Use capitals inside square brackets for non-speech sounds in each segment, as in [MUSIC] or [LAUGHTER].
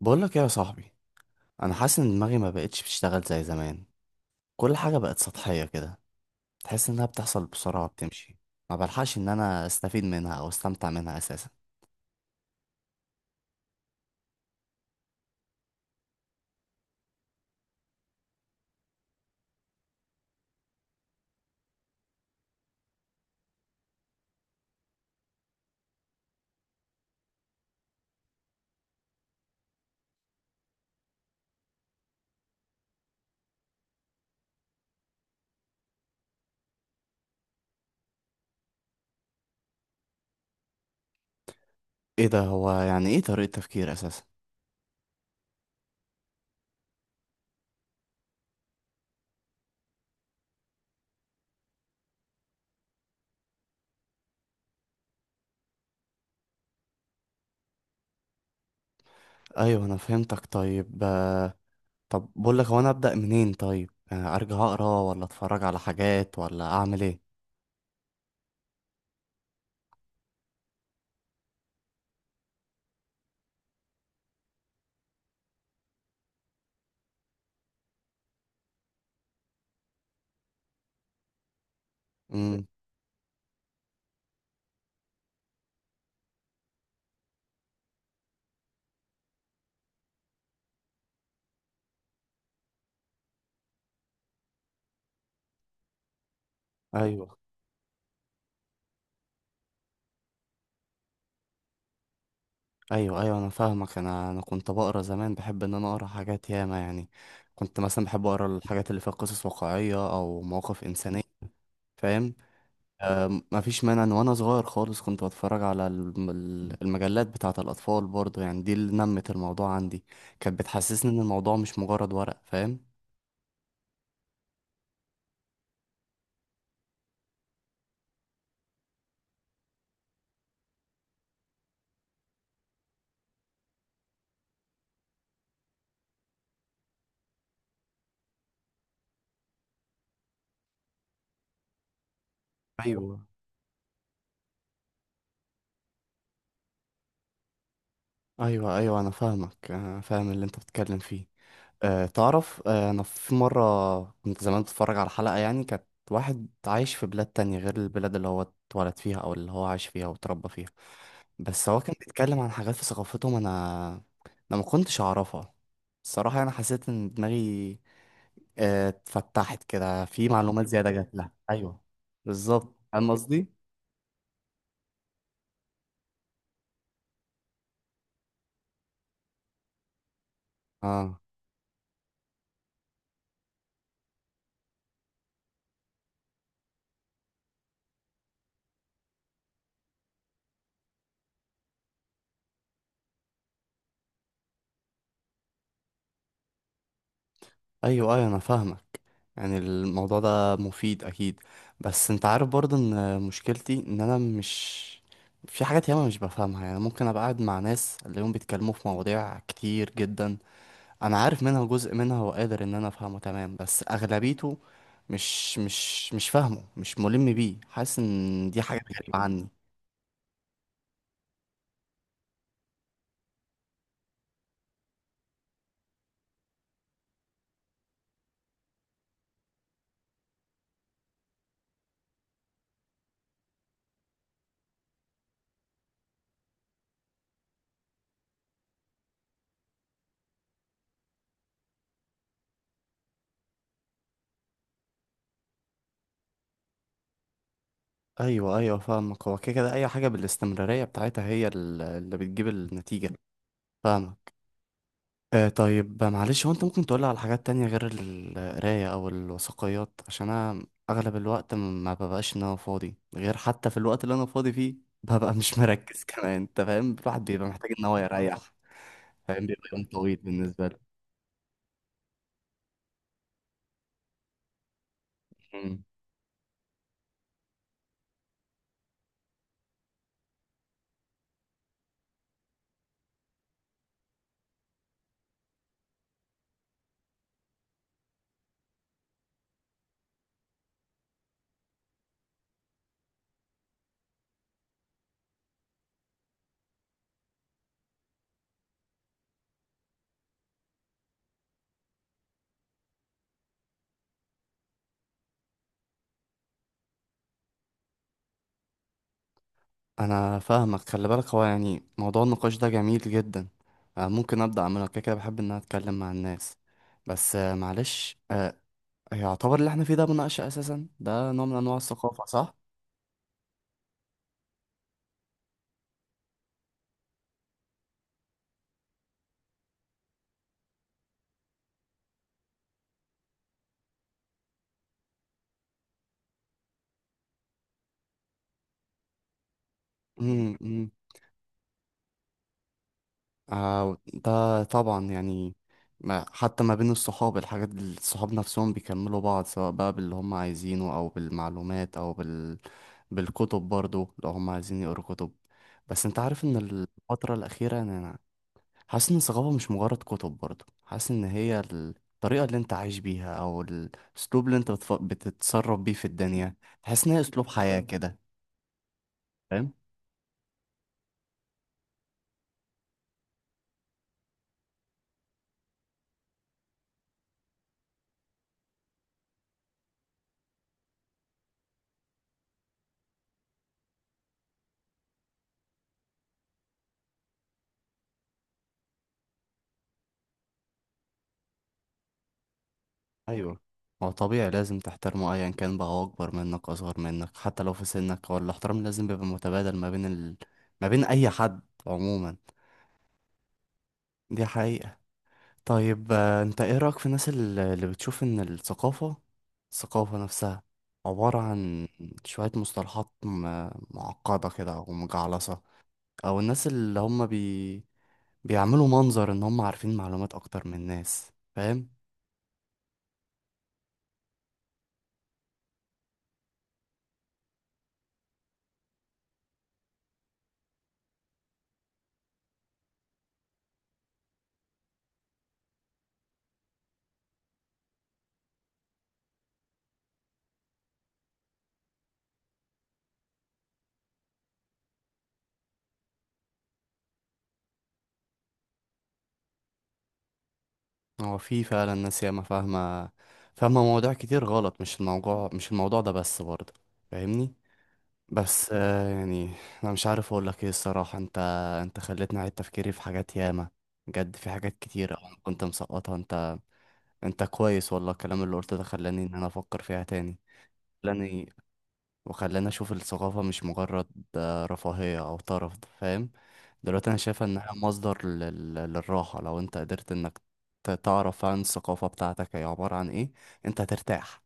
بقول لك ايه يا صاحبي. انا حاسس ان دماغي ما بقتش بتشتغل زي زمان. كل حاجه بقت سطحيه كده، تحس انها بتحصل بسرعه بتمشي. ما بلحقش ان انا استفيد منها او استمتع منها اساسا. ايه ده، هو يعني ايه طريقه تفكير اساسا؟ ايوه انا فهمتك. طيب طب بقول لك، هو انا ابدا منين؟ طيب، ارجع اقرا ولا اتفرج على حاجات ولا اعمل ايه؟ امم ايوه ايوه ايوه انا فاهمك. انا كنت بقرا زمان، بحب ان انا اقرا حاجات ياما يعني. كنت مثلا بحب اقرا الحاجات اللي فيها قصص واقعيه او مواقف انسانيه، فاهم. آه، مفيش مانع ان وانا صغير خالص كنت بتفرج على المجلات بتاعه الاطفال برضه، يعني دي اللي نمت الموضوع عندي. كانت بتحسسني ان الموضوع مش مجرد ورق، فاهم. ايوه ايوه ايوه انا فاهمك، انا فاهم اللي انت بتتكلم فيه. أه تعرف، أنا في مرة كنت زمان بتفرج على حلقة، يعني كانت واحد عايش في بلاد تانية غير البلاد اللي هو اتولد فيها أو اللي هو عايش فيها وتربى فيها، بس هو كان بيتكلم عن حاجات في ثقافتهم أنا ما كنتش أعرفها. الصراحة أنا حسيت إن دماغي اتفتحت كده، في معلومات زيادة جات لها. أيوه، بالظبط، فاهم قصدي؟ اه ايوه ايوه انا فاهمك. يعني الموضوع ده مفيد اكيد، بس انت عارف برضه ان مشكلتي ان انا مش، في حاجات ياما مش بفهمها. يعني ممكن ابقى قاعد مع ناس اليوم بيتكلموا في مواضيع كتير جدا، انا عارف منها جزء، منها وقادر ان انا افهمه تمام، بس اغلبيته مش فاهمه، مش ملم بيه، حاسس ان دي حاجة غريبة عني. ايوه ايوه فاهمك. هو كده كده اي حاجة بالاستمرارية بتاعتها هي اللي بتجيب النتيجة. فاهمك. آه طيب، معلش، هو انت ممكن تقولي على حاجات تانية غير القراية او الوثائقيات؟ عشان انا اغلب الوقت ما ببقاش ان انا فاضي، غير حتى في الوقت اللي انا فاضي فيه ببقى مش مركز [LAUGHS] كمان انت فاهم، الواحد بيبقى محتاج ان هو يريح، فاهم. بيبقى يوم طويل بالنسبة له. مم. انا فاهمك. خلي بالك هو يعني موضوع النقاش ده جميل جدا. آه ممكن ابدا اعمله، كده كده بحب ان انا اتكلم مع الناس. بس معلش، يعتبر اللي احنا فيه ده مناقشة اساسا؟ ده نوع من انواع الثقافة صح؟ مم، مم. آه ده طبعا يعني، ما حتى ما بين الصحاب الصحاب نفسهم بيكملوا بعض، سواء بقى باللي هم عايزينه أو بالمعلومات أو بال... بالكتب برضو لو هم عايزين يقروا كتب. بس انت عارف ان الفترة الأخيرة، يعني أنا حاسس ان الثقافة مش مجرد كتب برضو، حاسس ان هي الطريقة اللي انت عايش بيها أو الأسلوب اللي انت بتف... بتتصرف بيه في الدنيا. تحس ان هي أسلوب حياة كده، فاهم. ايوه، هو طبيعي لازم تحترمه ايا كان بقى، هو اكبر منك، اصغر منك، حتى لو في سنك، هو الاحترام لازم بيبقى متبادل ما بين ال... ما بين اي حد عموما. دي حقيقة. طيب انت ايه رأيك في الناس اللي بتشوف ان الثقافة، الثقافة نفسها عبارة عن شوية مصطلحات معقدة كده او مجعلصة؟ او الناس اللي هم بي... بيعملوا منظر ان هم عارفين معلومات اكتر من الناس، فاهم. هو في فعلا ناس ياما فاهمة، فاهمة مواضيع كتير غلط، مش الموضوع ده بس برضه، فاهمني. بس يعني انا مش عارف اقول لك ايه الصراحة. انت خليتني اعيد تفكيري في حاجات ياما، بجد في حاجات كتير أوي أنا كنت مسقطها. انت كويس والله، الكلام اللي قلته ده خلاني ان انا افكر فيها تاني. خلاني وخلاني اشوف الثقافة مش مجرد رفاهية او طرف، فاهم. دلوقتي انا شايفها انها مصدر للراحة. لو انت قدرت انك تعرف عن الثقافة بتاعتك هي عبارة عن ايه، انت هترتاح.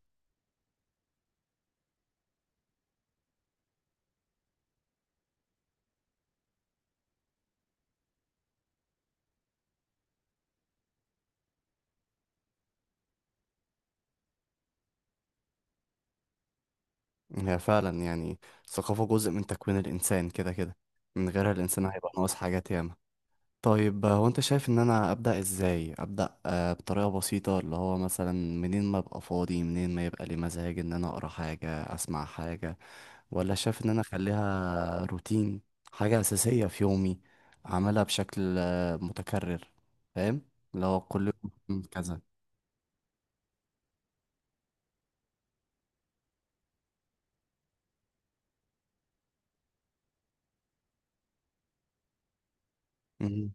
هي فعلا يعني الثقافة جزء من تكوين الانسان، كده كده من غيرها الانسان هيبقى ناقص حاجات ياما. طيب هو انت شايف ان انا ابدا ازاي؟ ابدا بطريقه بسيطه، اللي هو مثلا منين ما ابقى فاضي، منين ما يبقى لي مزاج ان انا اقرا حاجه، اسمع حاجه، ولا شايف ان انا اخليها روتين، حاجة أساسية في يومي، أعملها بشكل متكرر، فاهم، اللي هو كل يوم كذا؟ مم.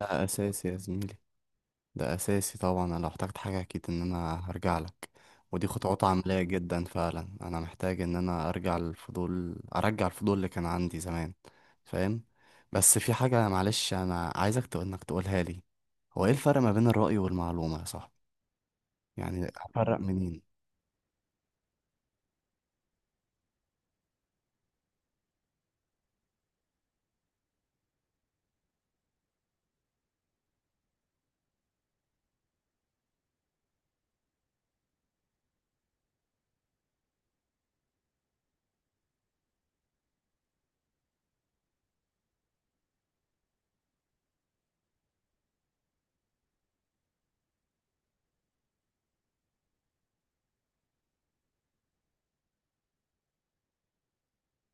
ده أساسي يا زميلي، ده أساسي طبعا. أنا لو احتجت حاجة أكيد إن أنا هرجع لك، ودي خطوات عملية جدا فعلا. أنا محتاج إن أنا أرجع الفضول اللي كان عندي زمان، فاهم. بس في حاجة معلش، أنا عايزك تقول إنك تقولها لي، هو إيه الفرق ما بين الرأي والمعلومة يا صاحبي؟ يعني أفرق منين؟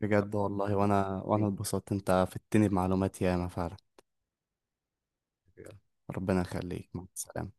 بجد والله، وانا اتبسطت، انت فدتني بمعلومات ياما فعلا. ربنا يخليك، مع السلامة.